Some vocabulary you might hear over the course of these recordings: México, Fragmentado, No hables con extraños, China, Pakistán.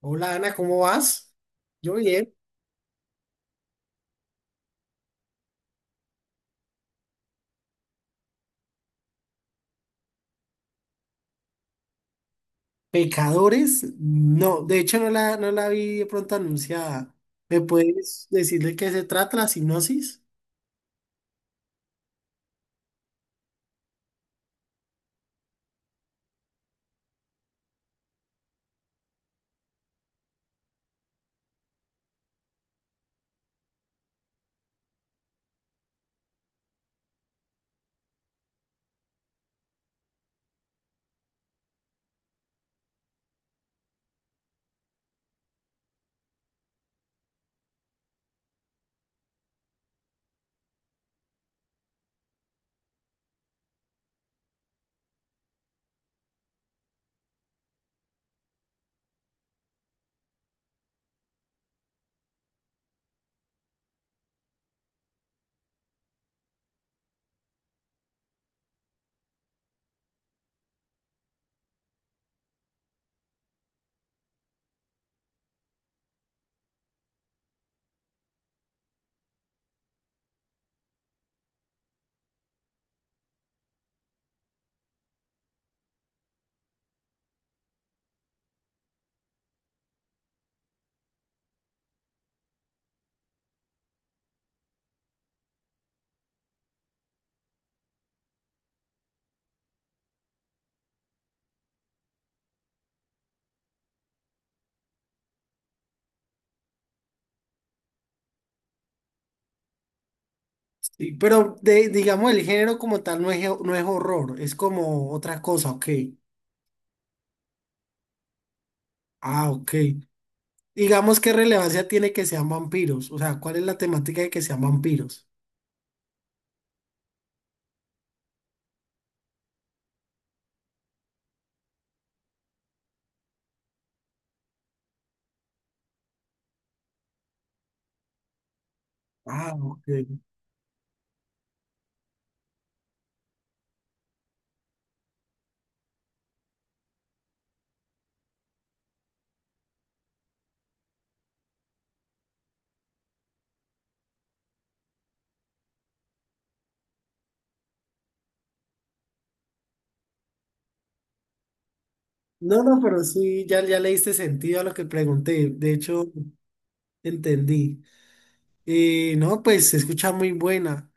Hola Ana, ¿cómo vas? Yo bien. ¿Pecadores? No, de hecho no la vi de pronto anunciada. ¿Me puedes decir de qué se trata la sinopsis? Sí, pero digamos el género como tal no es horror, es como otra cosa, ok. Ah, ok. Digamos qué relevancia tiene que sean vampiros, o sea, ¿cuál es la temática de que sean vampiros? Ah, ok. No, no, pero sí, ya, ya le diste sentido a lo que pregunté, de hecho entendí. Y no, pues se escucha muy buena.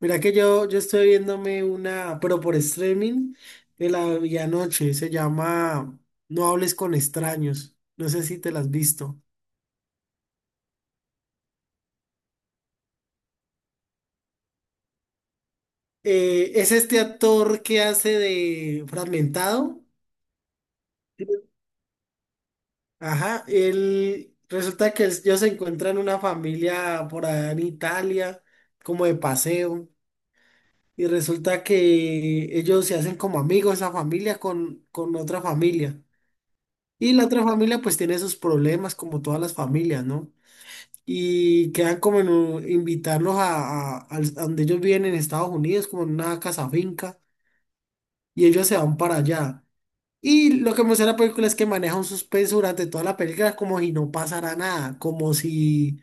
Mira que yo estoy viéndome una, pero por streaming, de la vi anoche. Se llama "No hables con extraños". No sé si te la has visto. Es este actor que hace de Fragmentado. Ajá, él resulta que ellos se encuentran una familia por allá en Italia, como de paseo, y resulta que ellos se hacen como amigos, esa familia con otra familia. Y la otra familia pues tiene sus problemas como todas las familias, ¿no? Y quedan como invitarlos a donde ellos viven en Estados Unidos, como en una casa finca, y ellos se van para allá. Y lo que muestra la película es que maneja un suspenso durante toda la película como si no pasara nada, como si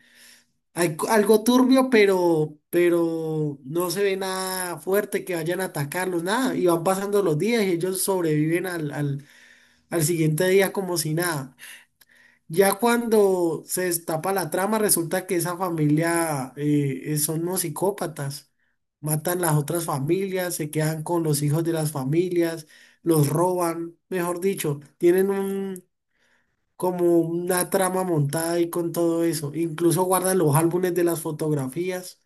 hay algo turbio, pero no se ve nada fuerte que vayan a atacarlos, nada. Y van pasando los días y ellos sobreviven al siguiente día como si nada. Ya cuando se destapa la trama, resulta que esa familia son unos psicópatas. Matan las otras familias, se quedan con los hijos de las familias, los roban, mejor dicho, tienen un como una trama montada ahí con todo eso. Incluso guardan los álbumes de las fotografías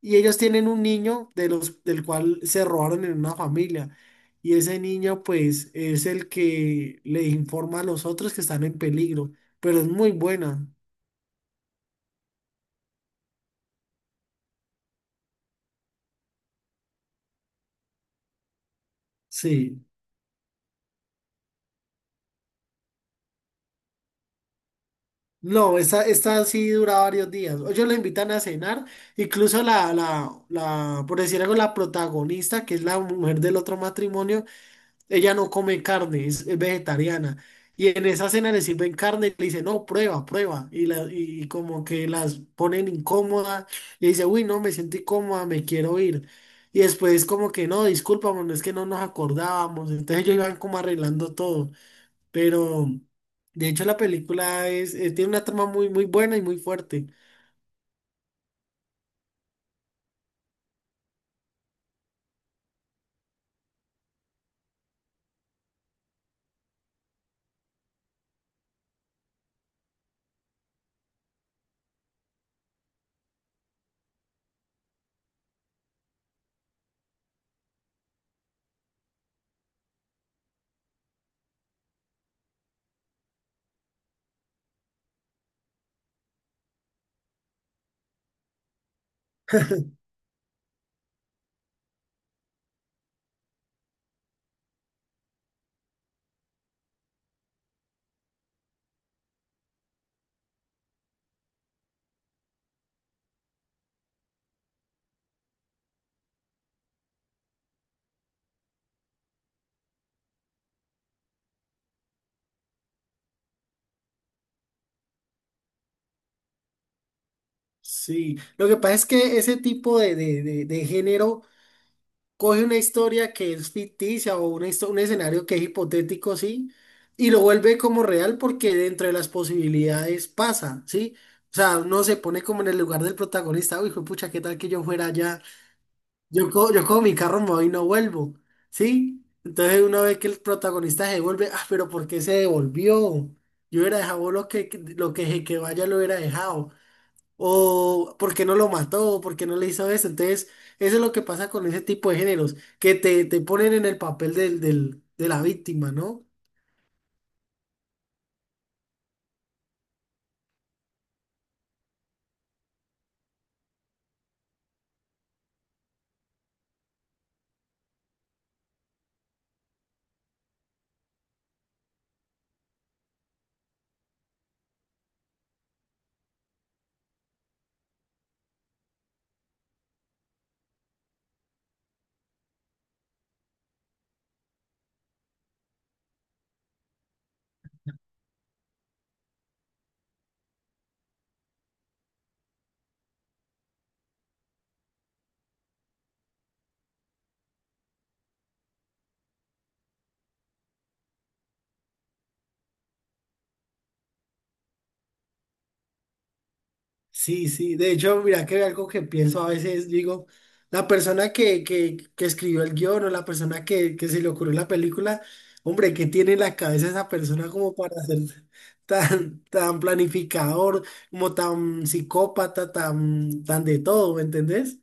y ellos tienen un niño del cual se robaron en una familia. Y ese niño pues es el que le informa a los otros que están en peligro, pero es muy buena. Sí. No, esta sí dura varios días. Ellos lo invitan a cenar, incluso por decir algo, la protagonista, que es la mujer del otro matrimonio. Ella no come carne, es vegetariana. Y en esa cena le sirven carne y le dice, no, prueba, prueba. Y como que las ponen incómoda. Y dice, uy, no, me siento incómoda, me quiero ir. Y después como que, no, discúlpame, no es que no nos acordábamos. Entonces ellos iban como arreglando todo. Pero de hecho la película tiene una trama muy, muy buena y muy fuerte. Sí, lo que pasa es que ese tipo de género coge una historia que es ficticia o un escenario que es hipotético, sí, y lo vuelve como real porque dentro de las posibilidades pasa, ¿sí? O sea, uno se pone como en el lugar del protagonista, uy, pucha, ¿qué tal que yo fuera allá? Yo cojo mi carro, me voy y no vuelvo, ¿sí? Entonces uno ve que el protagonista se devuelve, ah, pero ¿por qué se devolvió? Yo hubiera dejado lo que, se que vaya lo hubiera dejado o por qué no lo mató, o por qué no le hizo eso. Entonces, eso es lo que pasa con ese tipo de géneros, que te ponen en el papel de la víctima, ¿no? Sí, sí. De hecho, mira que algo que pienso a veces, digo, la persona que escribió el guión o la persona que se le ocurrió la película, hombre, ¿qué tiene en la cabeza esa persona como para ser tan, tan planificador, como tan psicópata, tan, tan de todo, ¿me entendés?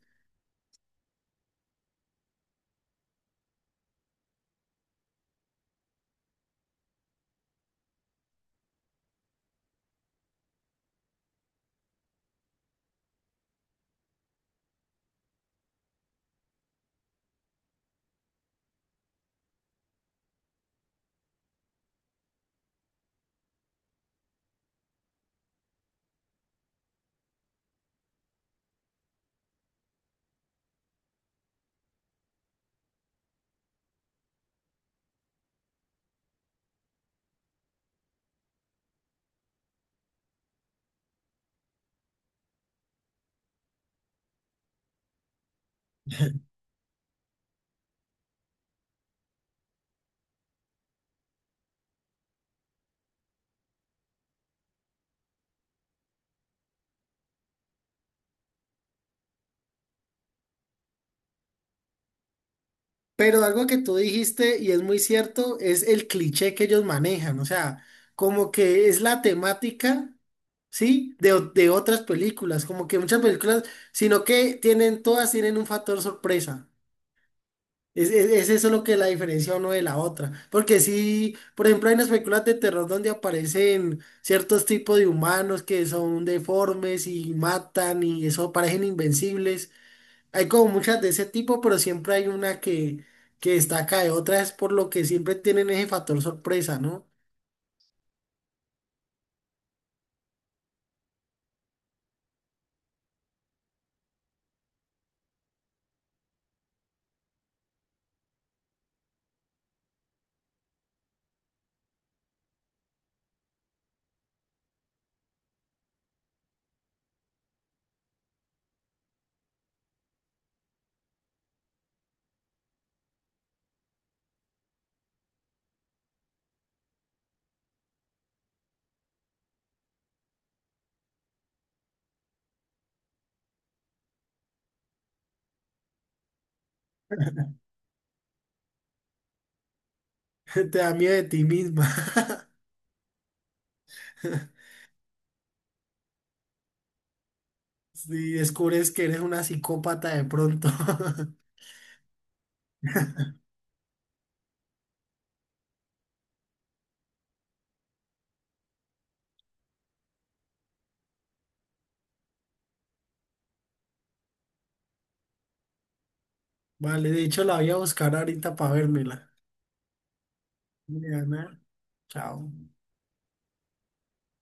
Pero algo que tú dijiste, y es muy cierto, es el cliché que ellos manejan, o sea, como que es la temática, ¿sí? De otras películas, como que muchas películas, sino que todas tienen un factor sorpresa. Es eso lo que la diferencia uno de la otra. Porque sí, por ejemplo, hay unas películas de terror donde aparecen ciertos tipos de humanos que son deformes y matan y eso parecen invencibles. Hay como muchas de ese tipo, pero siempre hay una que destaca de otras, por lo que siempre tienen ese factor sorpresa, ¿no? Te da miedo de ti misma. Si descubres que eres una psicópata de pronto. Vale, de hecho la voy a buscar ahorita para vérmela. Diana, chao.